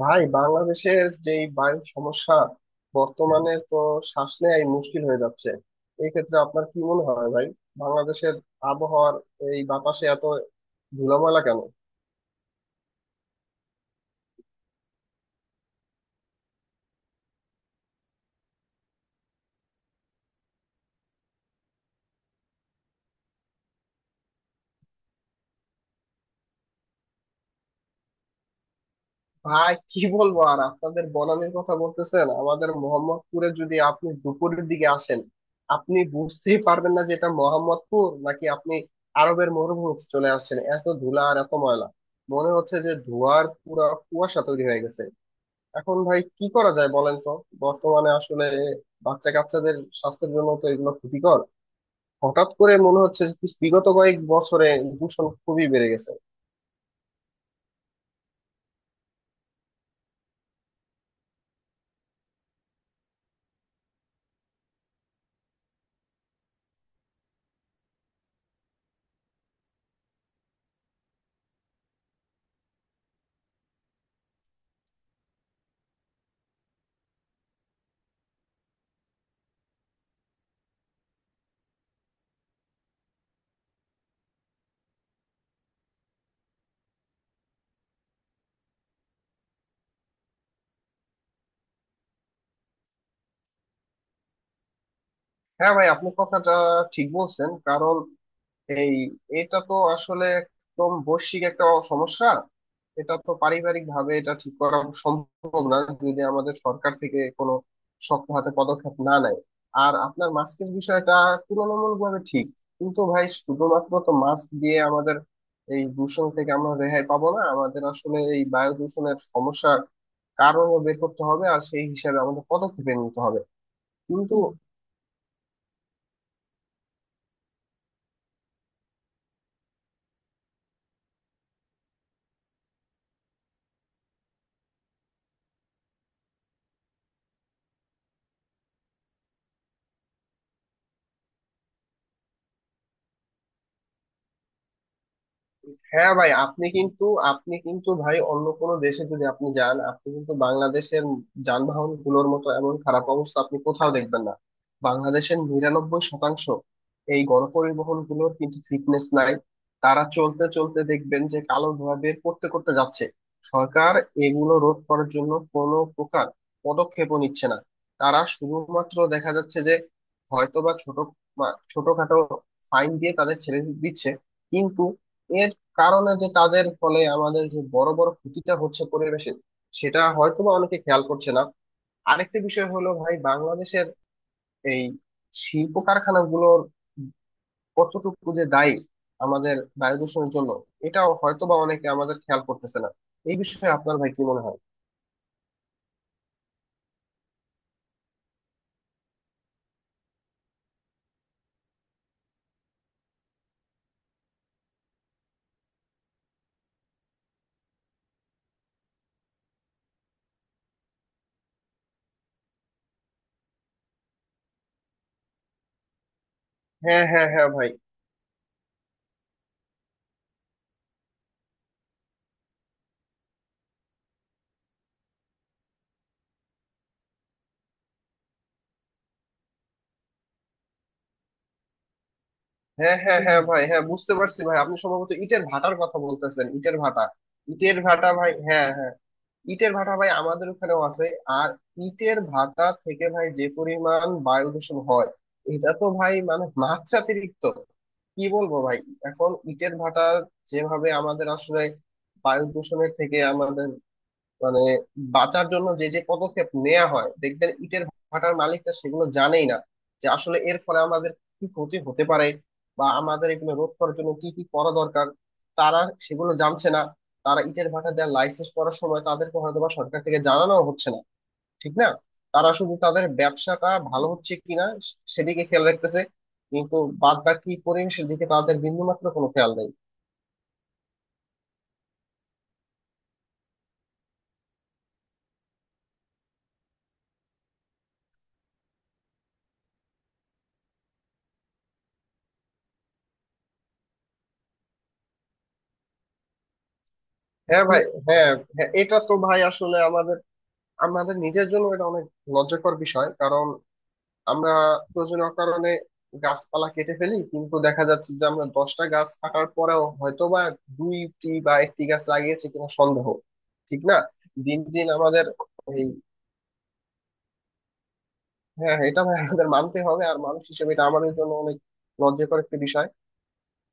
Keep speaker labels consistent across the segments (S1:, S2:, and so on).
S1: ভাই বাংলাদেশের যে বায়ু সমস্যা বর্তমানে তো শ্বাস নেয়াই মুশকিল হয়ে যাচ্ছে। এই ক্ষেত্রে আপনার কি মনে হয় ভাই, বাংলাদেশের আবহাওয়ার এই বাতাসে এত ধুলোময়লা কেন? ভাই কি বলবো আর, আপনাদের বনানীর কথা বলতেছেন, আমাদের মোহাম্মদপুরে যদি আপনি দুপুরের দিকে আসেন আপনি বুঝতেই পারবেন না যে এটা মোহাম্মদপুর নাকি আপনি আরবের মরুভূমিতে চলে আসছেন। এত ধুলা আর এত ময়লা, মনে হচ্ছে যে ধোঁয়ার পুরা কুয়াশা তৈরি হয়ে গেছে। এখন ভাই কি করা যায় বলেন তো। বর্তমানে আসলে বাচ্চা কাচ্চাদের স্বাস্থ্যের জন্য তো এগুলো ক্ষতিকর। হঠাৎ করে মনে হচ্ছে যে বিগত কয়েক বছরে দূষণ খুবই বেড়ে গেছে। হ্যাঁ ভাই, আপনি কথাটা ঠিক বলছেন। কারণ এই এটা তো আসলে একদম বৈশ্বিক একটা সমস্যা। এটা তো পারিবারিক ভাবে এটা ঠিক করা সম্ভব না যদি আমাদের সরকার থেকে কোনো শক্ত হাতে পদক্ষেপ না নেয়। আর আপনার মাস্কের বিষয়টা তুলনামূলক ভাবে ঠিক, কিন্তু ভাই শুধুমাত্র তো মাস্ক দিয়ে আমাদের এই দূষণ থেকে আমরা রেহাই পাবো না। আমাদের আসলে এই বায়ু দূষণের সমস্যার কারণও বের করতে হবে আর সেই হিসাবে আমাদের পদক্ষেপ নিতে হবে। কিন্তু হ্যাঁ ভাই, আপনি কিন্তু ভাই অন্য কোনো দেশে যদি আপনি যান, আপনি কিন্তু বাংলাদেশের যানবাহন গুলোর মতো এমন খারাপ অবস্থা আপনি কোথাও দেখবেন না। বাংলাদেশের 99% এই গণপরিবহন গুলোর কিন্তু ফিটনেস নাই। তারা চলতে চলতে দেখবেন যে কালো ধোঁয়া বের করতে করতে যাচ্ছে। সরকার এগুলো রোধ করার জন্য কোনো প্রকার পদক্ষেপও নিচ্ছে না। তারা শুধুমাত্র দেখা যাচ্ছে যে হয়তোবা ছোট ছোটখাটো ফাইন দিয়ে তাদের ছেড়ে দিচ্ছে। কিন্তু এর কারণে যে তাদের ফলে আমাদের যে বড় বড় ক্ষতিটা হচ্ছে পরিবেশের, সেটা হয়তোবা অনেকে খেয়াল করছে না। আরেকটা বিষয় হলো ভাই, বাংলাদেশের এই শিল্প কারখানাগুলোর কতটুকু যে দায়ী আমাদের বায়ু দূষণের জন্য এটাও হয়তোবা অনেকে আমাদের খেয়াল করতেছে না। এই বিষয়ে আপনার ভাই কি মনে হয়? হ্যাঁ হ্যাঁ হ্যাঁ ভাই। হ্যাঁ হ্যাঁ হ্যাঁ ভাই, হ্যাঁ বুঝতে পারছি ভাই, আপনি সম্ভবত ইটের ভাটার কথা বলতেছেন। ইটের ভাটা, ইটের ভাটা ভাই, হ্যাঁ হ্যাঁ। ইটের ভাটা ভাই আমাদের ওখানেও আছে। আর ইটের ভাটা থেকে ভাই যে পরিমাণ বায়ু দূষণ হয়, এটা তো ভাই মানে মাত্রাতিরিক্ত। কি বলবো ভাই। এখন ইটের ভাটা যেভাবে আমাদের আসলে বায়ু দূষণের থেকে আমাদের মানে বাঁচার জন্য যে যে পদক্ষেপ নেওয়া হয়, দেখবেন ইটের ভাটার মালিকরা সেগুলো জানেই না। যে আসলে এর ফলে আমাদের কি ক্ষতি হতে পারে বা আমাদের এগুলো রোধ করার জন্য কি কি করা দরকার, তারা সেগুলো জানছে না। তারা ইটের ভাটা দেওয়ার লাইসেন্স করার সময় তাদেরকে হয়তো বা সরকার থেকে জানানো হচ্ছে না, ঠিক না? তারা শুধু তাদের ব্যবসাটা ভালো হচ্ছে কিনা সেদিকে খেয়াল রাখতেছে, কিন্তু বাদ বাকি পরিবেশের দিকে তাদের বিন্দুমাত্র কোনো খেয়াল নেই। হ্যাঁ ভাই, হ্যাঁ হ্যাঁ, এটা তো ভাই আসলে আমাদের আমাদের নিজের জন্য এটা অনেক লজ্জাকর বিষয়। কারণ আমরা প্রয়োজনীয় কারণে গাছপালা কেটে ফেলি, কিন্তু দেখা যাচ্ছে যে আমরা 10টা গাছ কাটার পরেও হয়তোবা দুইটি বা একটি গাছ লাগিয়েছি কিনা সন্দেহ। ঠিক না? দিন দিন আমাদের এই হ্যাঁ এটা ভাই আমাদের মানতে হবে, আর মানুষ হিসেবে এটা আমাদের জন্য অনেক লজ্জাকর একটা বিষয়।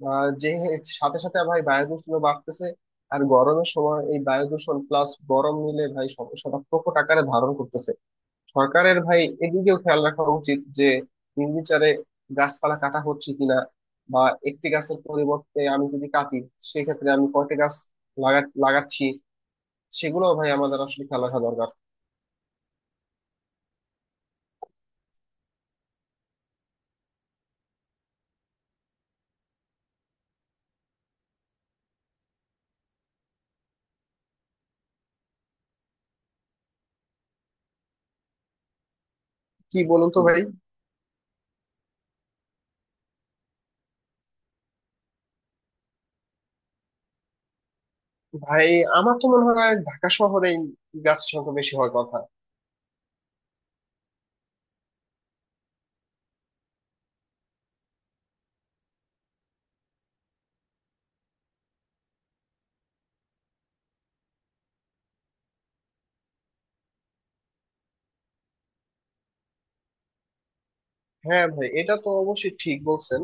S1: যে সাথে সাথে ভাই বায়ু দূষণ বাড়তেছে, আর গরমের সময় এই বায়ু দূষণ প্লাস গরম মিলে ভাই সমস্যাটা প্রকট আকারে ধারণ করতেছে। সরকারের ভাই এদিকেও খেয়াল রাখা উচিত যে নির্বিচারে গাছপালা কাটা হচ্ছে কিনা, বা একটি গাছের পরিবর্তে আমি যদি কাটি সেক্ষেত্রে আমি কয়টা গাছ লাগাচ্ছি, সেগুলো ভাই আমাদের আসলে খেয়াল রাখা দরকার। কি বলুন তো ভাই। ভাই, আমার তো মনে হয় ঢাকা শহরে গাছ সংখ্যা বেশি হওয়ার কথা। হ্যাঁ ভাই, এটা তো অবশ্যই ঠিক বলছেন।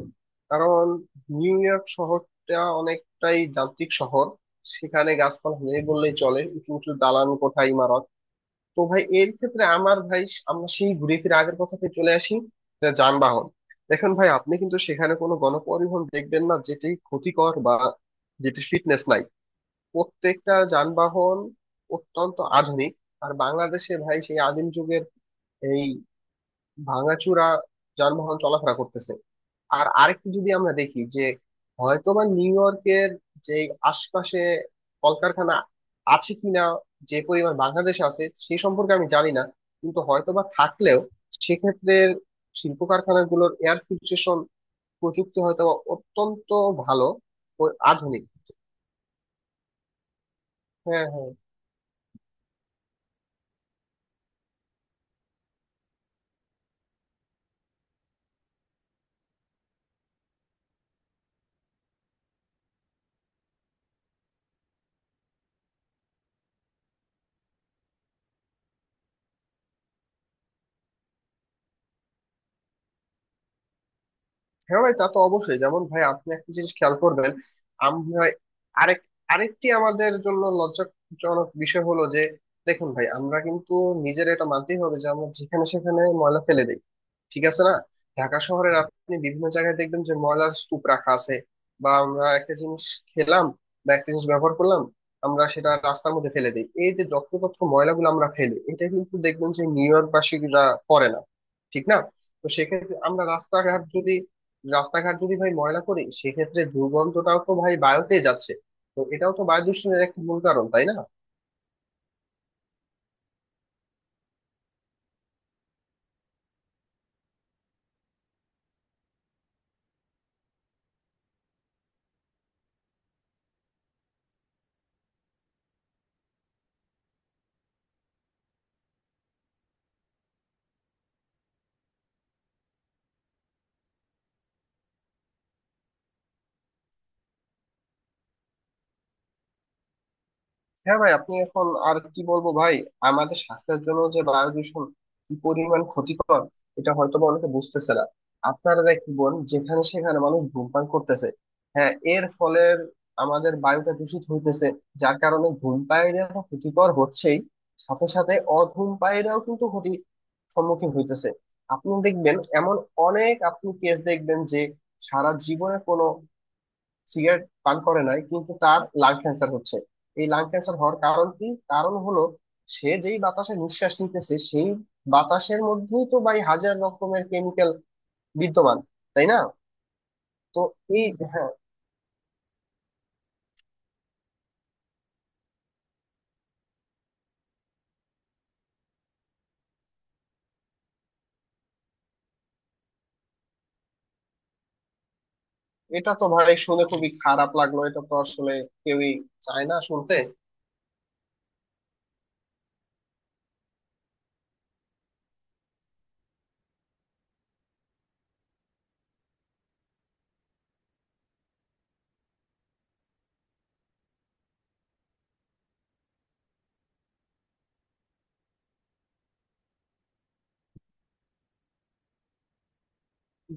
S1: কারণ নিউ ইয়র্ক শহরটা অনেকটাই যান্ত্রিক শহর, সেখানে গাছপালা নেই বললেই চলে, উঁচু উঁচু দালান কোঠা ইমারত। তো ভাই এর ক্ষেত্রে আমার ভাই আমরা সেই ঘুরে ফিরে আগের কথাতে চলে আসি, যে যানবাহন। দেখেন ভাই আপনি কিন্তু সেখানে কোনো গণপরিবহন দেখবেন না যেটি ক্ষতিকর বা যেটি ফিটনেস নাই। প্রত্যেকটা যানবাহন অত্যন্ত আধুনিক। আর বাংলাদেশে ভাই সেই আদিম যুগের এই ভাঙাচুরা যানবাহন চলাফেরা করতেছে। আর আরেকটু যদি আমরা দেখি যে হয়তোবা নিউ ইয়র্কের যে আশপাশে কলকারখানা আছে কিনা, যে পরিমাণ বাংলাদেশে আছে সেই সম্পর্কে আমি জানি না। কিন্তু হয়তোবা থাকলেও সেক্ষেত্রে শিল্প কারখানাগুলোর এয়ার ফিল্ট্রেশন প্রযুক্তি হয়তোবা অত্যন্ত ভালো ও আধুনিক। হ্যাঁ হ্যাঁ। হ্যাঁ ভাই তা তো অবশ্যই, যেমন ভাই আপনি একটা জিনিস খেয়াল করবেন। আমরা আরেক আরেকটি আমাদের জন্য লজ্জাজনক বিষয় হলো যে দেখুন ভাই, আমরা কিন্তু নিজের এটা মানতেই হবে যে আমরা যেখানে সেখানে ময়লা ফেলে দিই, ঠিক আছে না? ঢাকা শহরের আপনি বিভিন্ন জায়গায় দেখবেন যে ময়লার স্তূপ রাখা আছে। বা আমরা একটা জিনিস খেলাম বা একটা জিনিস ব্যবহার করলাম, আমরা সেটা রাস্তার মধ্যে ফেলে দিই। এই যে যত্রতত্র ময়লাগুলো আমরা ফেলি, এটা কিন্তু দেখবেন যে নিউ ইয়র্ক বাসীরা করে না, ঠিক না? তো সেক্ষেত্রে আমরা রাস্তাঘাট যদি ভাই ময়লা করি, সেক্ষেত্রে দুর্গন্ধটাও তো ভাই বায়ুতে যাচ্ছে। তো এটাও তো বায়ু দূষণের একটা মূল কারণ, তাই না? হ্যাঁ ভাই, আপনি এখন আর কি বলবো ভাই। আমাদের স্বাস্থ্যের জন্য যে বায়ু দূষণ কি পরিমাণ ক্ষতিকর এটা হয়তো বা অনেকে বুঝতেছে না। আপনারা দেখবেন যেখানে সেখানে মানুষ ধূমপান করতেছে, হ্যাঁ এর ফলে আমাদের বায়ুটা দূষিত হইতেছে। যার কারণে ধূমপায়ীরা তো ক্ষতিকর হচ্ছেই, সাথে সাথে অধূমপায়ীরাও কিন্তু ক্ষতি সম্মুখীন হইতেছে। আপনি দেখবেন এমন অনেক আপনি কেস দেখবেন যে সারা জীবনে কোনো সিগারেট পান করে নাই, কিন্তু তার লাং ক্যান্সার হচ্ছে। এই লাং ক্যান্সার হওয়ার কারণ কি? কারণ হলো সে যেই বাতাসে নিঃশ্বাস নিতেছে, সেই বাতাসের মধ্যেই তো ভাই হাজার রকমের কেমিক্যাল বিদ্যমান, তাই না? তো এই হ্যাঁ এটা তো ভাই শুনে খুবই খারাপ লাগলো। এটা তো আসলে কেউই চায় না শুনতে।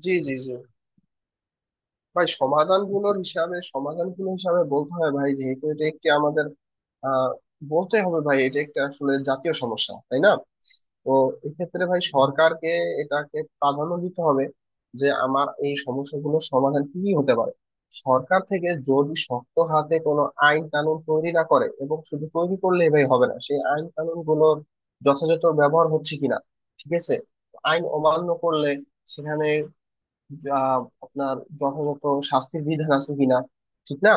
S1: জি জি জি ভাই, সমাধানগুলো হিসাবে বলতে হয় ভাই, যেহেতু এটা একটি আমাদের আহ বলতে হবে ভাই এটা একটা আসলে জাতীয় সমস্যা, তাই না? তো এক্ষেত্রে ভাই সরকারকে এটাকে প্রাধান্য দিতে হবে যে আমার এই সমস্যাগুলোর সমাধান কি কি হতে পারে। সরকার থেকে যদি শক্ত হাতে কোনো আইন কানুন তৈরি না করে, এবং শুধু তৈরি করলে ভাই হবে না, সেই আইন কানুন গুলোর যথাযথ ব্যবহার হচ্ছে কিনা, ঠিক আছে? আইন অমান্য করলে সেখানে আহ, আপনার যথাযথ শাস্তির বিধান আছে কিনা, ঠিক না?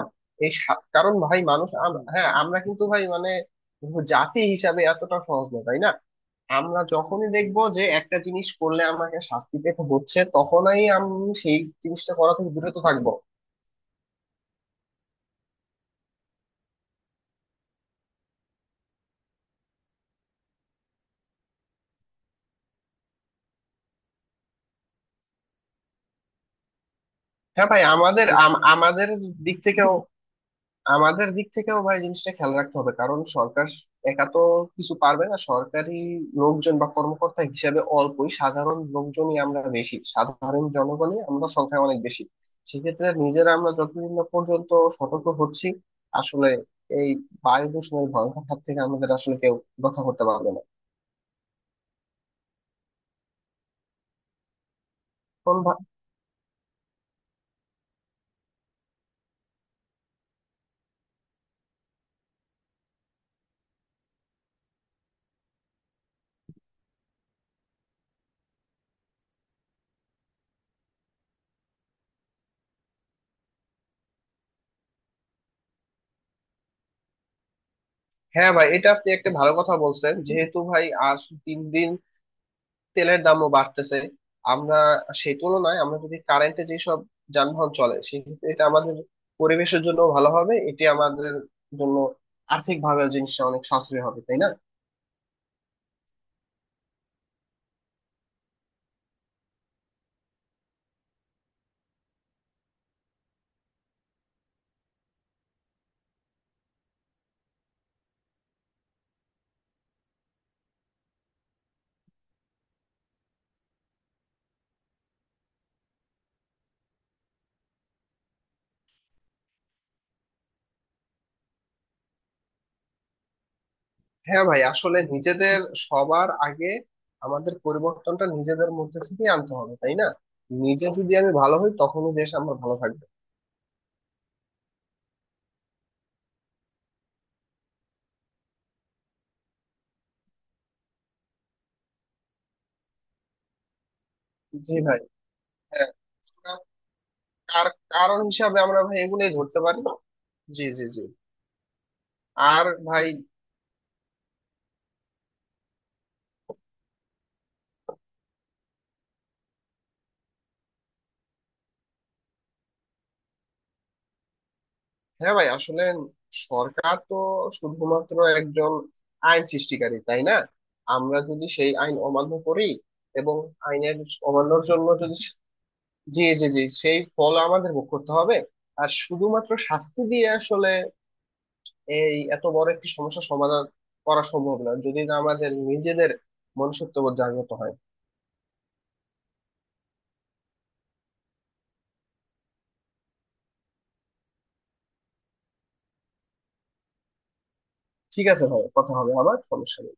S1: এই কারণ ভাই মানুষ হ্যাঁ আমরা কিন্তু ভাই মানে জাতি হিসাবে এতটা সহজ না, তাই না? আমরা যখনই দেখবো যে একটা জিনিস করলে আমাকে শাস্তি পেতে হচ্ছে, তখনই আমি সেই জিনিসটা করা থেকে বিরত থাকবো। হ্যাঁ ভাই আমাদের আমাদের দিক থেকেও, আমাদের দিক থেকেও ভাই জিনিসটা খেয়াল রাখতে হবে। কারণ সরকার একা তো কিছু পারবে না, সরকারি লোকজন বা কর্মকর্তা হিসেবে অল্পই, সাধারণ লোকজনই আমরা বেশি, সাধারণ জনগণই আমরা সংখ্যায় অনেক বেশি। সেক্ষেত্রে নিজেরা আমরা যতদিন না পর্যন্ত সতর্ক হচ্ছি, আসলে এই বায়ু দূষণের ভয়ঙ্কর হাত থেকে আমাদের আসলে কেউ রক্ষা করতে পারবে না। এখন হ্যাঁ ভাই এটা আপনি একটা ভালো কথা বলছেন, যেহেতু ভাই আর তিন দিন তেলের দামও বাড়তেছে, আমরা সেই তুলনায় আমরা যদি কারেন্টে যেসব যানবাহন চলে, সেক্ষেত্রে এটা আমাদের পরিবেশের জন্য ভালো হবে, এটি আমাদের জন্য আর্থিক ভাবে জিনিসটা অনেক সাশ্রয় হবে, তাই না? হ্যাঁ ভাই আসলে নিজেদের সবার আগে আমাদের পরিবর্তনটা নিজেদের মধ্যে থেকে আনতে হবে, তাই না? নিজে যদি আমি ভালো হই তখনই দেশ আমার ভালো থাকবে। জি ভাই। হ্যাঁ আমরা কারণ হিসাবে আমরা ভাই এগুলোই ধরতে পারি। জি জি জি। আর ভাই, হ্যাঁ ভাই আসলে সরকার তো শুধুমাত্র একজন আইন সৃষ্টিকারী, তাই না? আমরা যদি সেই আইন অমান্য করি এবং আইনের অমান্যর জন্য যদি, জি জি জি, সেই ফল আমাদের ভোগ করতে হবে। আর শুধুমাত্র শাস্তি দিয়ে আসলে এই এত বড় একটি সমস্যা সমাধান করা সম্ভব না, যদি না আমাদের নিজেদের মনুষ্যত্ববোধ জাগ্রত হয়। ঠিক আছে ভাই, কথা হবে আবার, সমস্যা নেই।